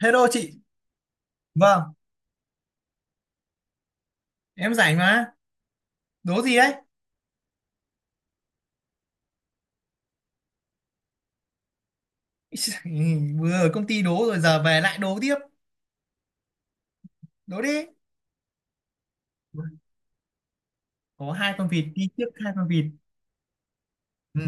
Hello chị, vâng, em rảnh mà, đố gì đấy? Vừa ở công ty đố rồi giờ về lại đố tiếp, đố đi. Có hai con vịt đi trước hai con vịt, ừ.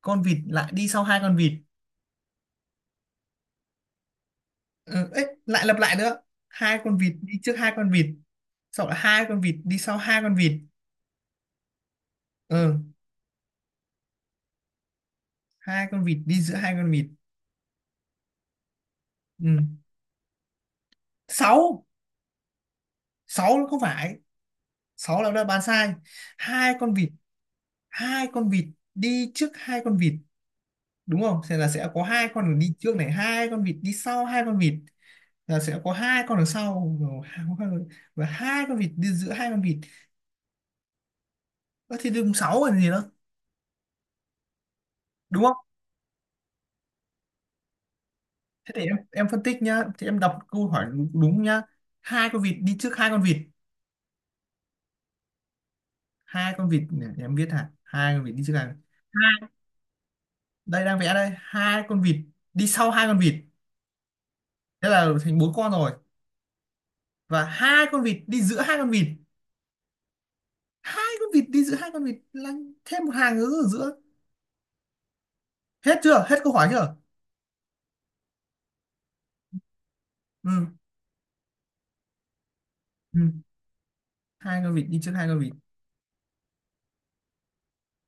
Con vịt lại đi sau hai con vịt, ừ. Ấy, lại lặp lại nữa. Hai con vịt đi trước hai con vịt, sau đó hai con vịt đi sau hai con vịt, ừ. Hai con vịt đi giữa hai con vịt, ừ. Sáu, sáu nó không phải, sáu là đã bán sai. Hai con vịt, hai con vịt đi trước hai con vịt đúng không, thì là sẽ có hai con đường đi trước này, hai con vịt đi sau hai con vịt là sẽ có hai con đường sau, và hai con vịt đi giữa hai con vịt. Ơ, thì đúng sáu còn gì nữa, đúng không? Thế thì em phân tích nhá, thì em đọc câu hỏi đúng, đúng nhá. Hai con vịt đi trước hai con vịt, hai con vịt này, để em viết hả, hai con vịt đi trước hai con, hai. Đây đang vẽ đây, hai con vịt đi sau hai con vịt, thế là thành bốn con rồi, và hai con vịt đi giữa hai con vịt. Hai con vịt đi giữa hai con vịt là thêm một hàng nữa ở giữa. Hết chưa, hết câu hỏi chưa? Ừ. Ừ. Hai con vịt đi trước hai con vịt,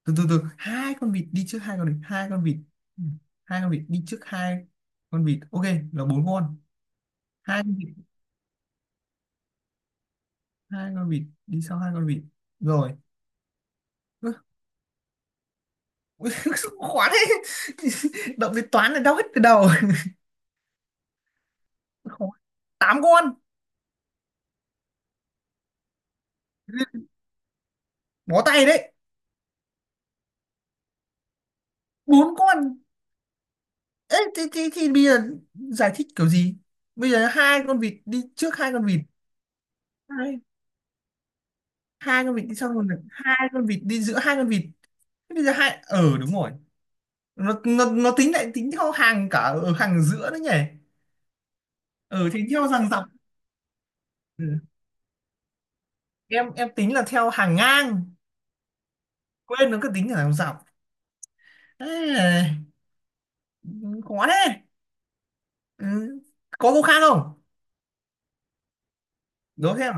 từ từ từ hai con vịt đi trước hai con vịt, hai con vịt. Ừ. Hai con vịt đi trước hai con vịt, ok, là bốn con. Hai con vịt, hai con vịt đi sau hai con vịt, rồi. Ơ, ui, khó thế. Động đến toán là đau hết cái đầu. Khó. Tám con. Bó tay đấy. Bốn con. Ê, thì bây giờ giải thích kiểu gì? Bây giờ hai con vịt đi trước hai con vịt, hai, hai con vịt đi sau, xong rồi hai con vịt đi giữa hai con vịt. Thế bây giờ hai, ờ đúng rồi, nó tính lại tính theo hàng, cả ở hàng giữa đấy nhỉ. Ờ thì theo hàng dọc. Ừ. em tính là theo hàng ngang, quên, nó cứ tính là hàng dọc. Ê, khó thế. Ừ. Có câu khác không? Đố thêm.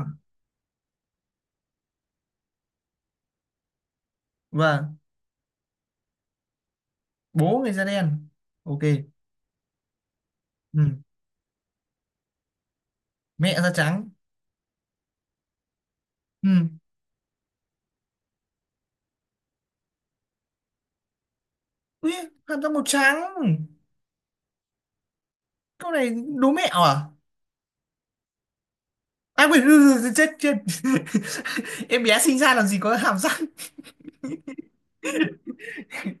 Vâng. Bố người da đen. Ok. Ừ. Mẹ da trắng. Ừ. Ui, hàm răng màu trắng. Câu này đố mẹo à? À quên, chết chết. Em bé sinh ra làm gì có hàm răng.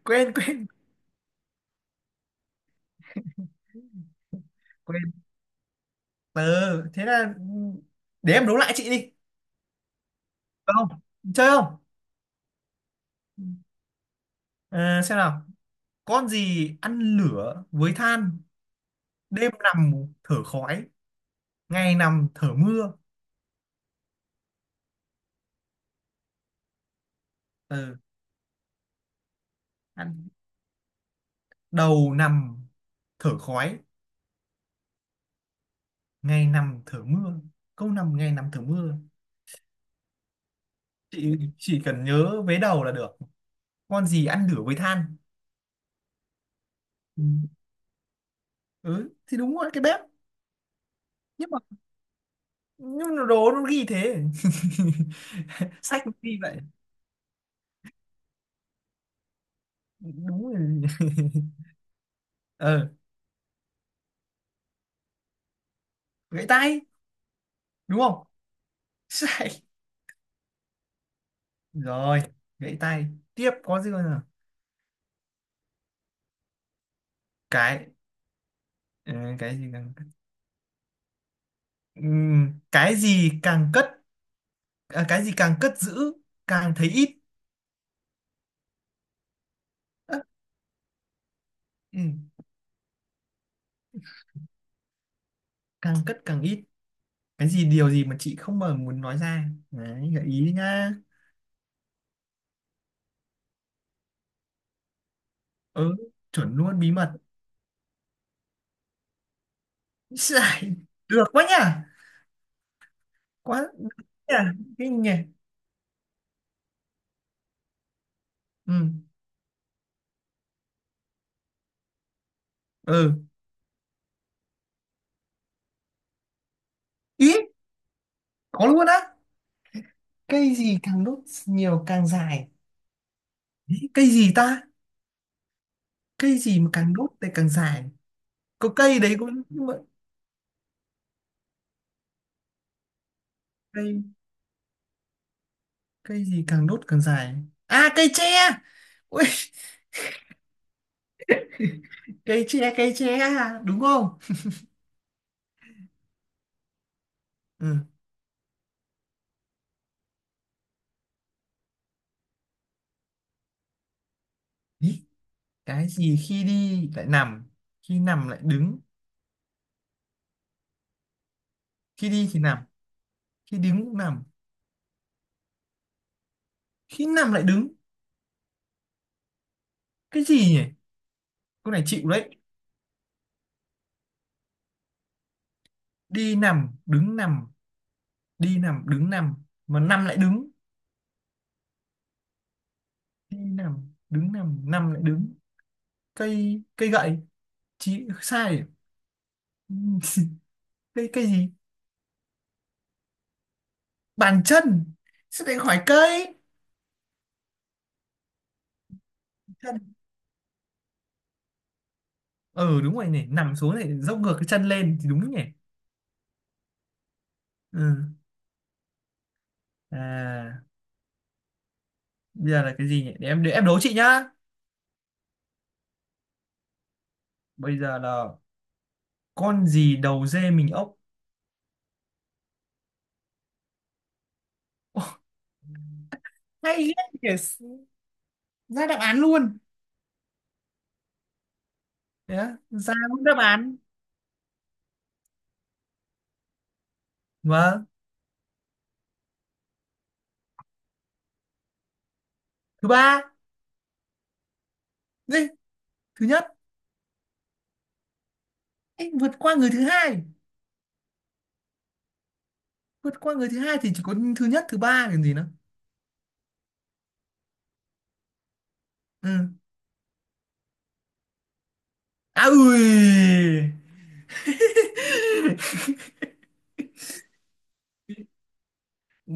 Quên quên quên Ừ, thế là, ừ, để em đố lại chị đi. Được không, chơi không? Ờ, xem nào. Con gì ăn lửa với than, đêm nằm thở khói, ngày nằm thở mưa. Ừ, ăn, đầu nằm thở khói, ngày nằm thở mưa, câu nằm ngày nằm thở mưa. Chị chỉ cần nhớ vế đầu là được. Con gì ăn lửa với than? Ừ, ừ thì đúng rồi, cái bếp. Nhưng mà nhưng mà đồ nó ghi thế, sách nó ghi vậy. Đúng rồi. Ờ. Gãy tay. Đúng không? Sai. Rồi, gãy tay. Tiếp có gì nữa nào? Cái, ờ, cái gì càng, cái gì càng cất, à, cái gì càng cất giữ càng thấy ít. Ơ, ừ, càng cất càng ít. Cái gì, điều gì mà chị không, mà muốn nói ra. Đấy, gợi ý đi nha. Ừ, chuẩn luôn, bí mật. Sai. Được quá nhỉ. Quá. À, kinh nhỉ. Ừ. Ừ. Ý, có luôn á. Cây gì càng đốt nhiều càng dài. Ý, cây gì ta, cây gì mà càng đốt thì càng dài. Có cây đấy cũng, nhưng mà, cây, cây gì càng đốt càng dài. À, cây tre. Ui, cây tre, cây tre à, đúng không? Ừ. Ý, cái gì khi đi lại nằm, khi nằm lại đứng. Khi đi thì nằm, khi đứng cũng nằm, khi nằm lại đứng. Cái gì nhỉ? Con này chịu đấy. Đi nằm đứng nằm, đi nằm đứng nằm, mà nằm lại đứng. Đi nằm đứng nằm, nằm lại đứng. Cây cây gậy. Chị sai. cây cây gì? Bàn chân. Sẽ lại khỏi cây. Chân. Ừ đúng rồi nhỉ, nằm xuống này, dốc ngược cái chân lên thì đúng nhỉ. Ừ. À, bây giờ là cái gì nhỉ, để em đố chị nhá. Bây giờ là con gì đầu dê mình ốc. Ô, hay, ghê nhỉ. Ra đáp án luôn. Yeah. Ra luôn đáp án. Vâng. Thứ ba. Đi, thứ nhất. Ê, vượt qua người thứ hai, vượt qua người thứ hai thì chỉ có thứ nhất, thứ ba làm gì nữa. Ừ, à ui.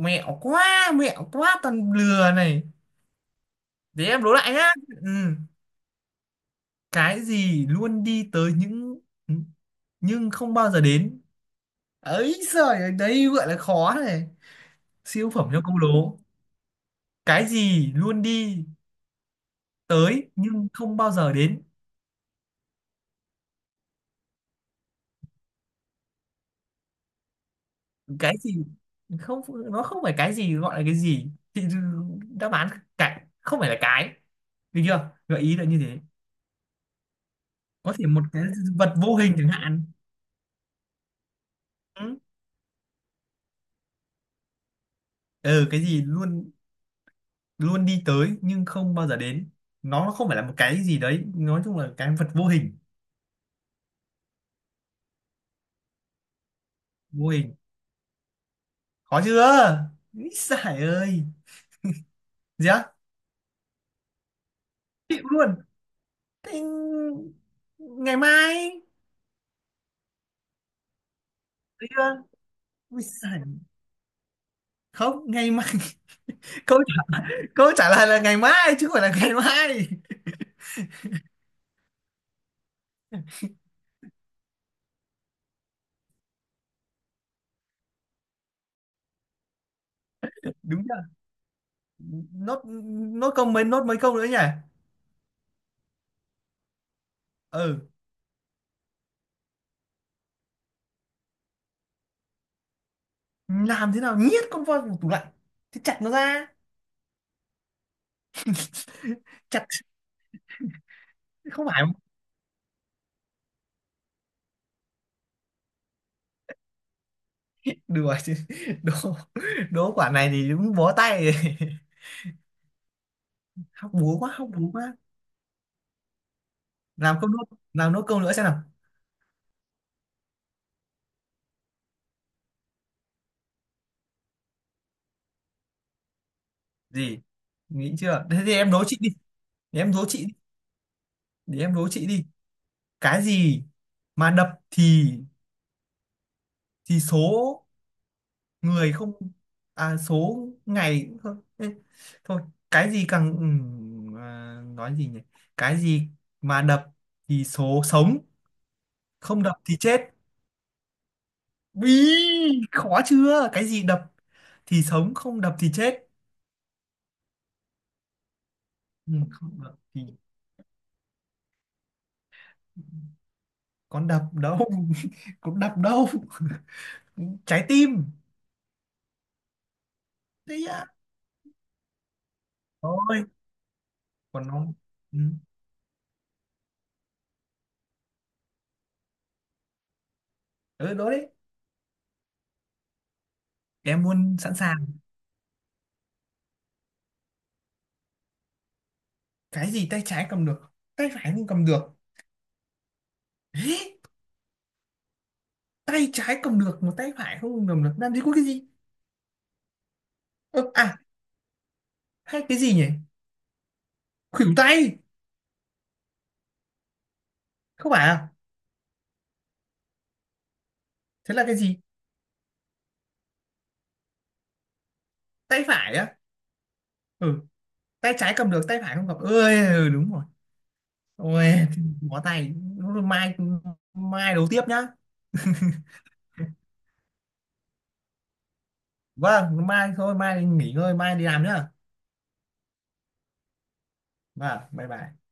Mẹo quá, mẹo quá, toàn lừa này. Để em đố lại nhá. Ừ. Cái gì luôn đi tới những, ừ, nhưng không bao giờ đến. Ấy giời ơi, đây gọi là khó này, siêu phẩm cho câu đố. Cái gì luôn đi tới nhưng không bao giờ đến? Cái gì? Không, nó không phải cái gì gọi là cái gì, thì đáp án cái không phải là cái. Được chưa, gợi ý là như thế. Có thể một cái vật vô hình chẳng hạn. Ừ. Ừ, cái gì luôn, luôn đi tới nhưng không bao giờ đến, nó không phải là một cái gì đấy, nói chung là cái vật vô hình. Vô hình. Khó chưa? Ý giải ơi. Gì á? Chịu luôn. Thế, ngày mai. Được chưa? Ui giời. Không, ngày mai. Câu, câu trả lời là ngày mai chứ không phải là ngày mai. Đúng chưa? Nốt. Nốt câu mấy, nốt mấy câu nữa nhỉ. Ừ. Làm thế nào nhét con voi vào tủ lạnh? Thì chặt nó ra. Chặt, không phải. Đùa chứ. Đố, đố quả này thì đúng bó tay. học búa quá, học búa quá. Làm câu nốt, làm nốt câu nữa xem nào. Gì, nghĩ chưa, thế thì em đố chị đi. Để em đố chị đi để em đố chị đi Cái gì mà đập thì số người không, à, số ngày cũng thôi. Ê, thôi. Cái gì càng, nói gì nhỉ. Cái gì mà đập thì số sống, không đập thì chết. Ý, khó chưa, cái gì đập thì sống không đập thì chết? Ừ, không đập thì, con đập đâu, cũng đập đâu. Trái tim. Đấy ạ. Thôi, còn nó, ừ, ừ đó đấy. Em luôn sẵn sàng. Cái gì tay trái cầm được tay phải không cầm được? Ê! Tay trái cầm được mà tay phải không cầm được, làm gì có cái gì. Ờ, à, hay cái gì nhỉ. Khuỷu tay. Không phải à? Thế là cái gì? Tay phải á? Ừ. Tay trái cầm được tay phải không cầm, ơi ừ, đúng rồi. Ôi, bó tay. Mai, mai đấu tiếp nhá. Vâng, mai thôi, mai nghỉ ngơi, mai đi làm nhá. Vâng, bye bye.